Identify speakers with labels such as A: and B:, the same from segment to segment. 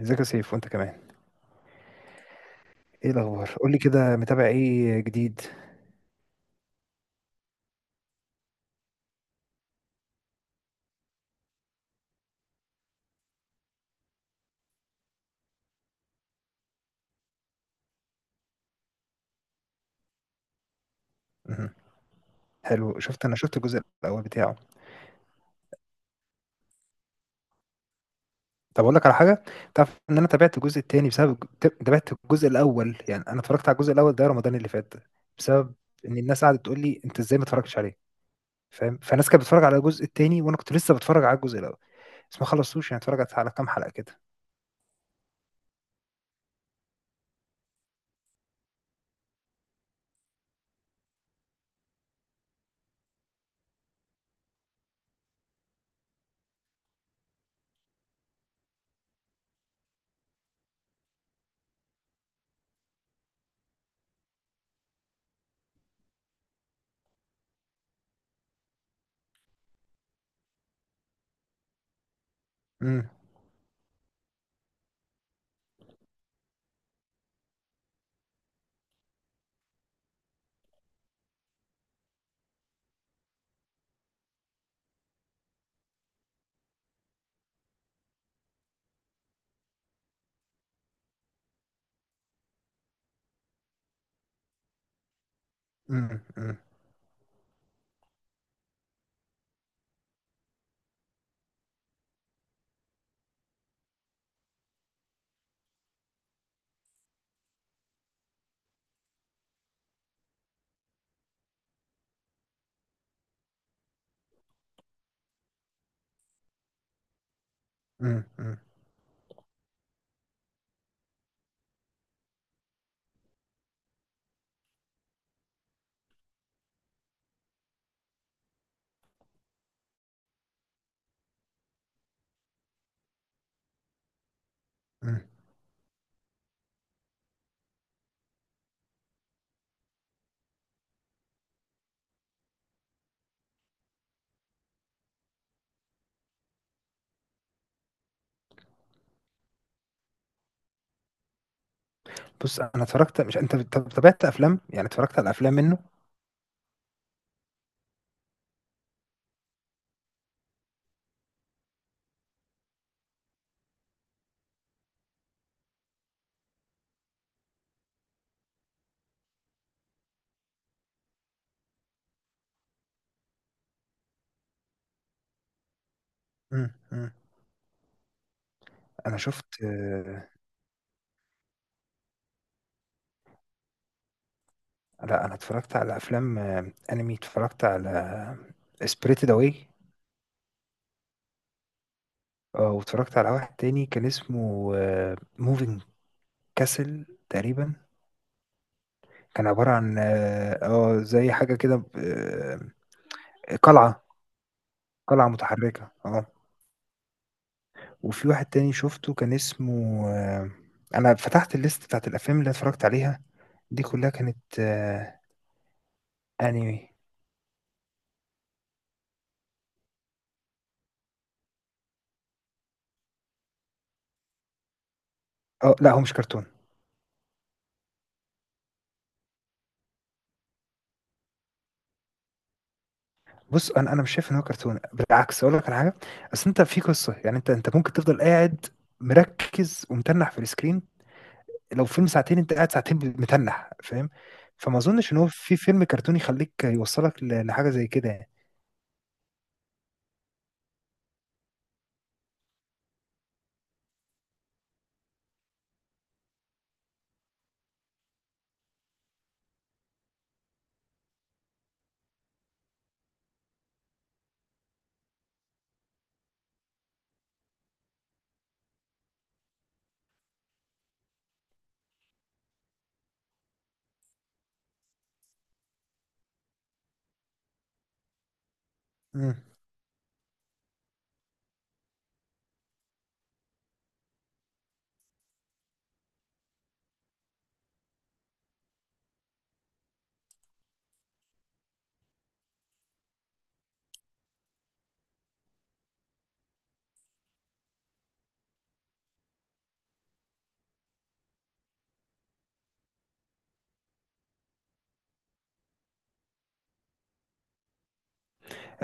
A: ازيك يا سيف، وانت كمان؟ ايه الاخبار؟ قول لي كده، متابع ايه جديد؟ مهم. حلو، شفت، انا شفت الجزء الاول بتاعه. طب اقول لك على حاجه، تعرف ان انا تابعت الجزء الثاني بسبب تابعت الجزء الاول. يعني انا اتفرجت على الجزء الاول ده رمضان اللي فات، بسبب ان الناس قعدت تقول لي انت ازاي ما اتفرجتش عليه، فاهم؟ فالناس كانت بتتفرج على الجزء الثاني وانا كنت لسه بتفرج على الجزء الاول، بس ما خلصتوش، يعني اتفرجت على كام حلقه كده. امم. امم. امم. امم. امم. أمم. بص، انا اتفرجت. مش انت، طب تابعت افلام، يعني اتفرجت على افلام منه؟ امم. أمم. انا شفت لا، انا اتفرجت على افلام انمي. اتفرجت على سبريتد اواي. اه، واتفرجت على واحد تاني كان اسمه موفينج كاسل تقريبا. كان عبارة عن زي حاجة كده، قلعة قلعة متحركة، اه. وفي واحد تاني شفته كان اسمه انا فتحت الليست بتاعت الافلام اللي اتفرجت عليها، دي كلها كانت انمي. اه، لا هو مش كرتون. بص، انا مش شايف ان هو كرتون. بالعكس، اقول لك على حاجه. اصل انت في قصه، يعني انت ممكن تفضل قاعد مركز ومتنح في السكرين. لو فيلم ساعتين، انت قاعد ساعتين متنح، فاهم؟ فما اظنش ان هو في فيلم كرتوني يخليك يوصلك لحاجه زي كده يعني. مم.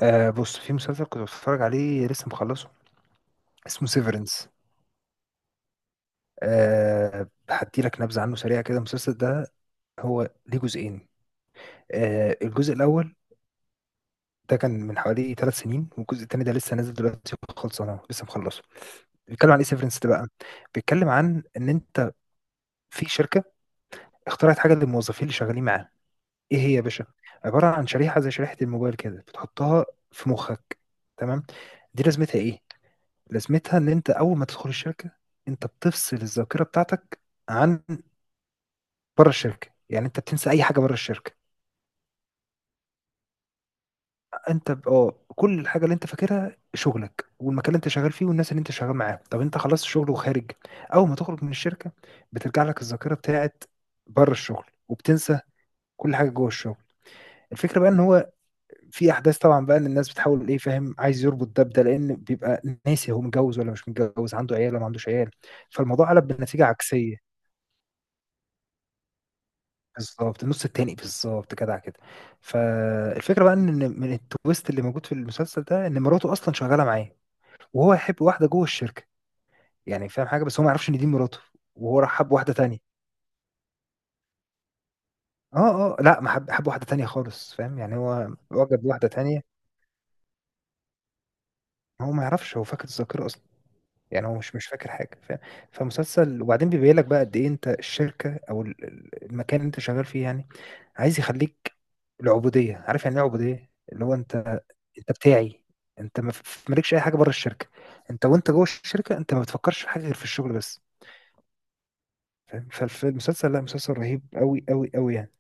A: بص، في مسلسل كنت بتفرج عليه لسه مخلصه، اسمه سيفرنس. هدي لك نبذه عنه سريعه كده، المسلسل ده هو ليه جزئين. الجزء الاول ده كان من حوالي 3 سنين، والجزء التاني ده لسه نازل دلوقتي، خلصانه لسه مخلصه. بيتكلم عن ايه سيفرنس ده بقى؟ بيتكلم عن ان انت في شركه اخترعت حاجه للموظفين اللي شغالين معاها. ايه هي يا باشا؟ عباره عن شريحه، زي شريحه الموبايل كده، بتحطها في مخك. تمام؟ دي لازمتها ايه؟ لازمتها ان انت اول ما تدخل الشركه، انت بتفصل الذاكره بتاعتك عن بره الشركه، يعني انت بتنسى اي حاجه بره الشركه. انت كل الحاجه اللي انت فاكرها شغلك والمكان اللي انت شغال فيه والناس اللي انت شغال معاهم. طب انت خلصت شغل وخارج، اول ما تخرج من الشركه، بترجع لك الذاكره بتاعت بره الشغل، وبتنسى كل حاجه جوه الشغل. الفكره بقى ان هو في احداث طبعا بقى، ان الناس بتحاول ايه، فاهم؟ عايز يربط ده بده، لان بيبقى ناسي هو متجوز ولا مش متجوز، عنده عيال ولا ما عندوش عيال. فالموضوع قلب بنتيجه عكسيه. بالظبط، النص التاني بالظبط كده كده. فالفكره بقى ان من التويست اللي موجود في المسلسل ده ان مراته اصلا شغاله معاه، وهو يحب واحده جوه الشركه. يعني فاهم حاجه، بس هو ما يعرفش ان دي مراته، وهو راح حب واحده تانية. اه، اه، لا، ما حب واحده تانية خالص، فاهم؟ يعني هو وجد واحده تانية. هو ما يعرفش، هو فاقد الذاكره اصلا، يعني هو مش فاكر حاجه، فاهم؟ فمسلسل، وبعدين بيبين لك بقى قد ايه انت الشركه او المكان اللي انت شغال فيه، يعني عايز يخليك العبوديه، عارف يعني ايه عبوديه؟ اللي هو انت، انت بتاعي، انت ما ف- مالكش اي حاجه بره الشركه، انت وانت جوه الشركه انت ما بتفكرش في حاجه غير في الشغل بس، فاهم؟ فالمسلسل، لا، مسلسل رهيب قوي قوي قوي يعني.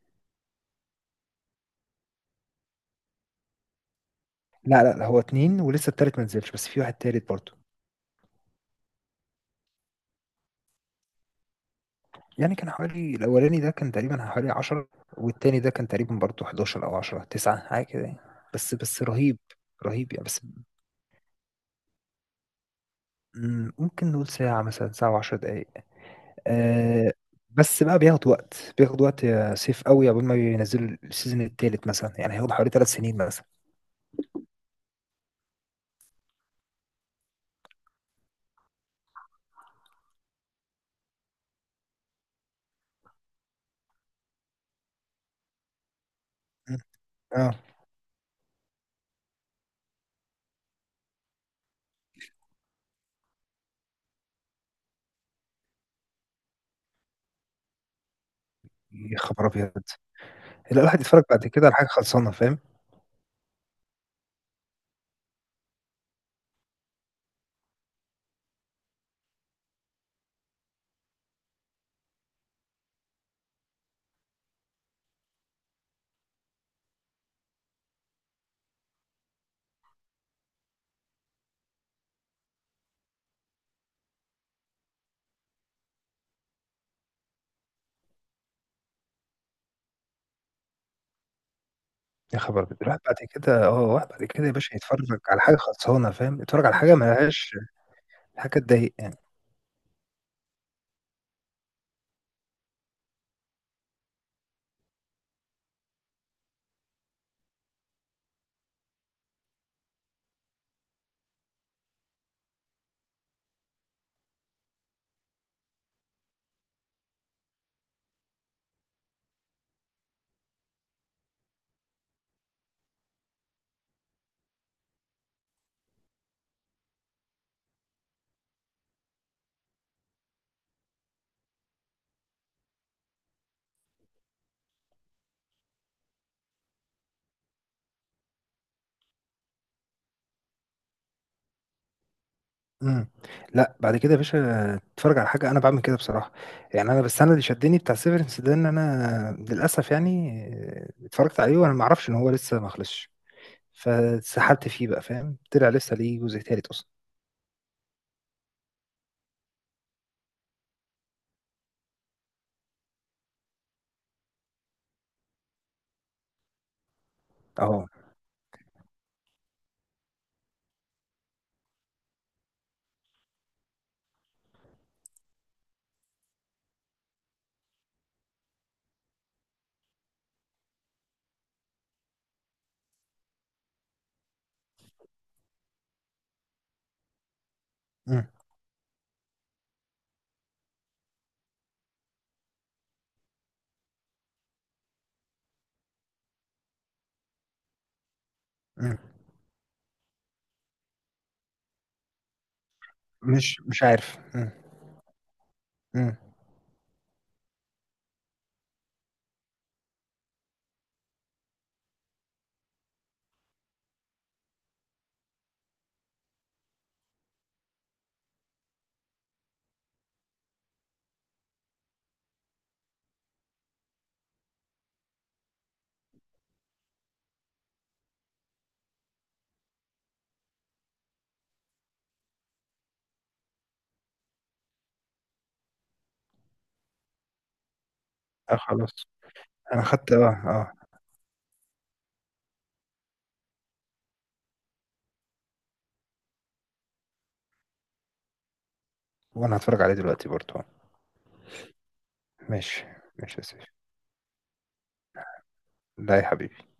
A: لا لا لا، هو اتنين ولسه التالت ما نزلش، بس في واحد تالت برضه. يعني كان حوالي الأولاني ده كان تقريبا حوالي 10، والتاني ده كان تقريبا برضه 11 أو 10 تسعة حاجة كده يعني. بس رهيب، رهيب يعني بس. ممكن نقول ساعة مثلا، ساعة وعشر دقايق. آه بس بقى بياخد وقت، بياخد وقت يا سيف قوي، قبل ما ينزلوا السيزون التالت مثلا، يعني هياخد حوالي 3 سنين مثلا. مم. اه، يا خبر ابيض. لا، الواحد يتفرج بعد كده على حاجه خلصانه، فاهم؟ يا خبر ابيض، الواحد بعد كده الواحد بعد كده يا باشا يتفرج على حاجه خلصانه، فاهم؟ يتفرج على حاجه ما لهاش حاجه، تضايق يعني. امم. لا، بعد كده يا باشا اتفرج على حاجه، انا بعمل كده بصراحه. يعني انا بس انا اللي شدني بتاع سيفرنس ده ان انا للاسف يعني اتفرجت عليه وانا ما اعرفش ان هو لسه ما خلصش، فسحلت فيه بقى، فاهم؟ طلع لسه ليه جزء تالت اصلا. اهو. امم. امم. مش عارف، امم. امم. اه، خلاص. انا خدت وانا هتفرج عليه دلوقتي برضه. ماشي. ماشي يا سيف. لا يا حبيبي.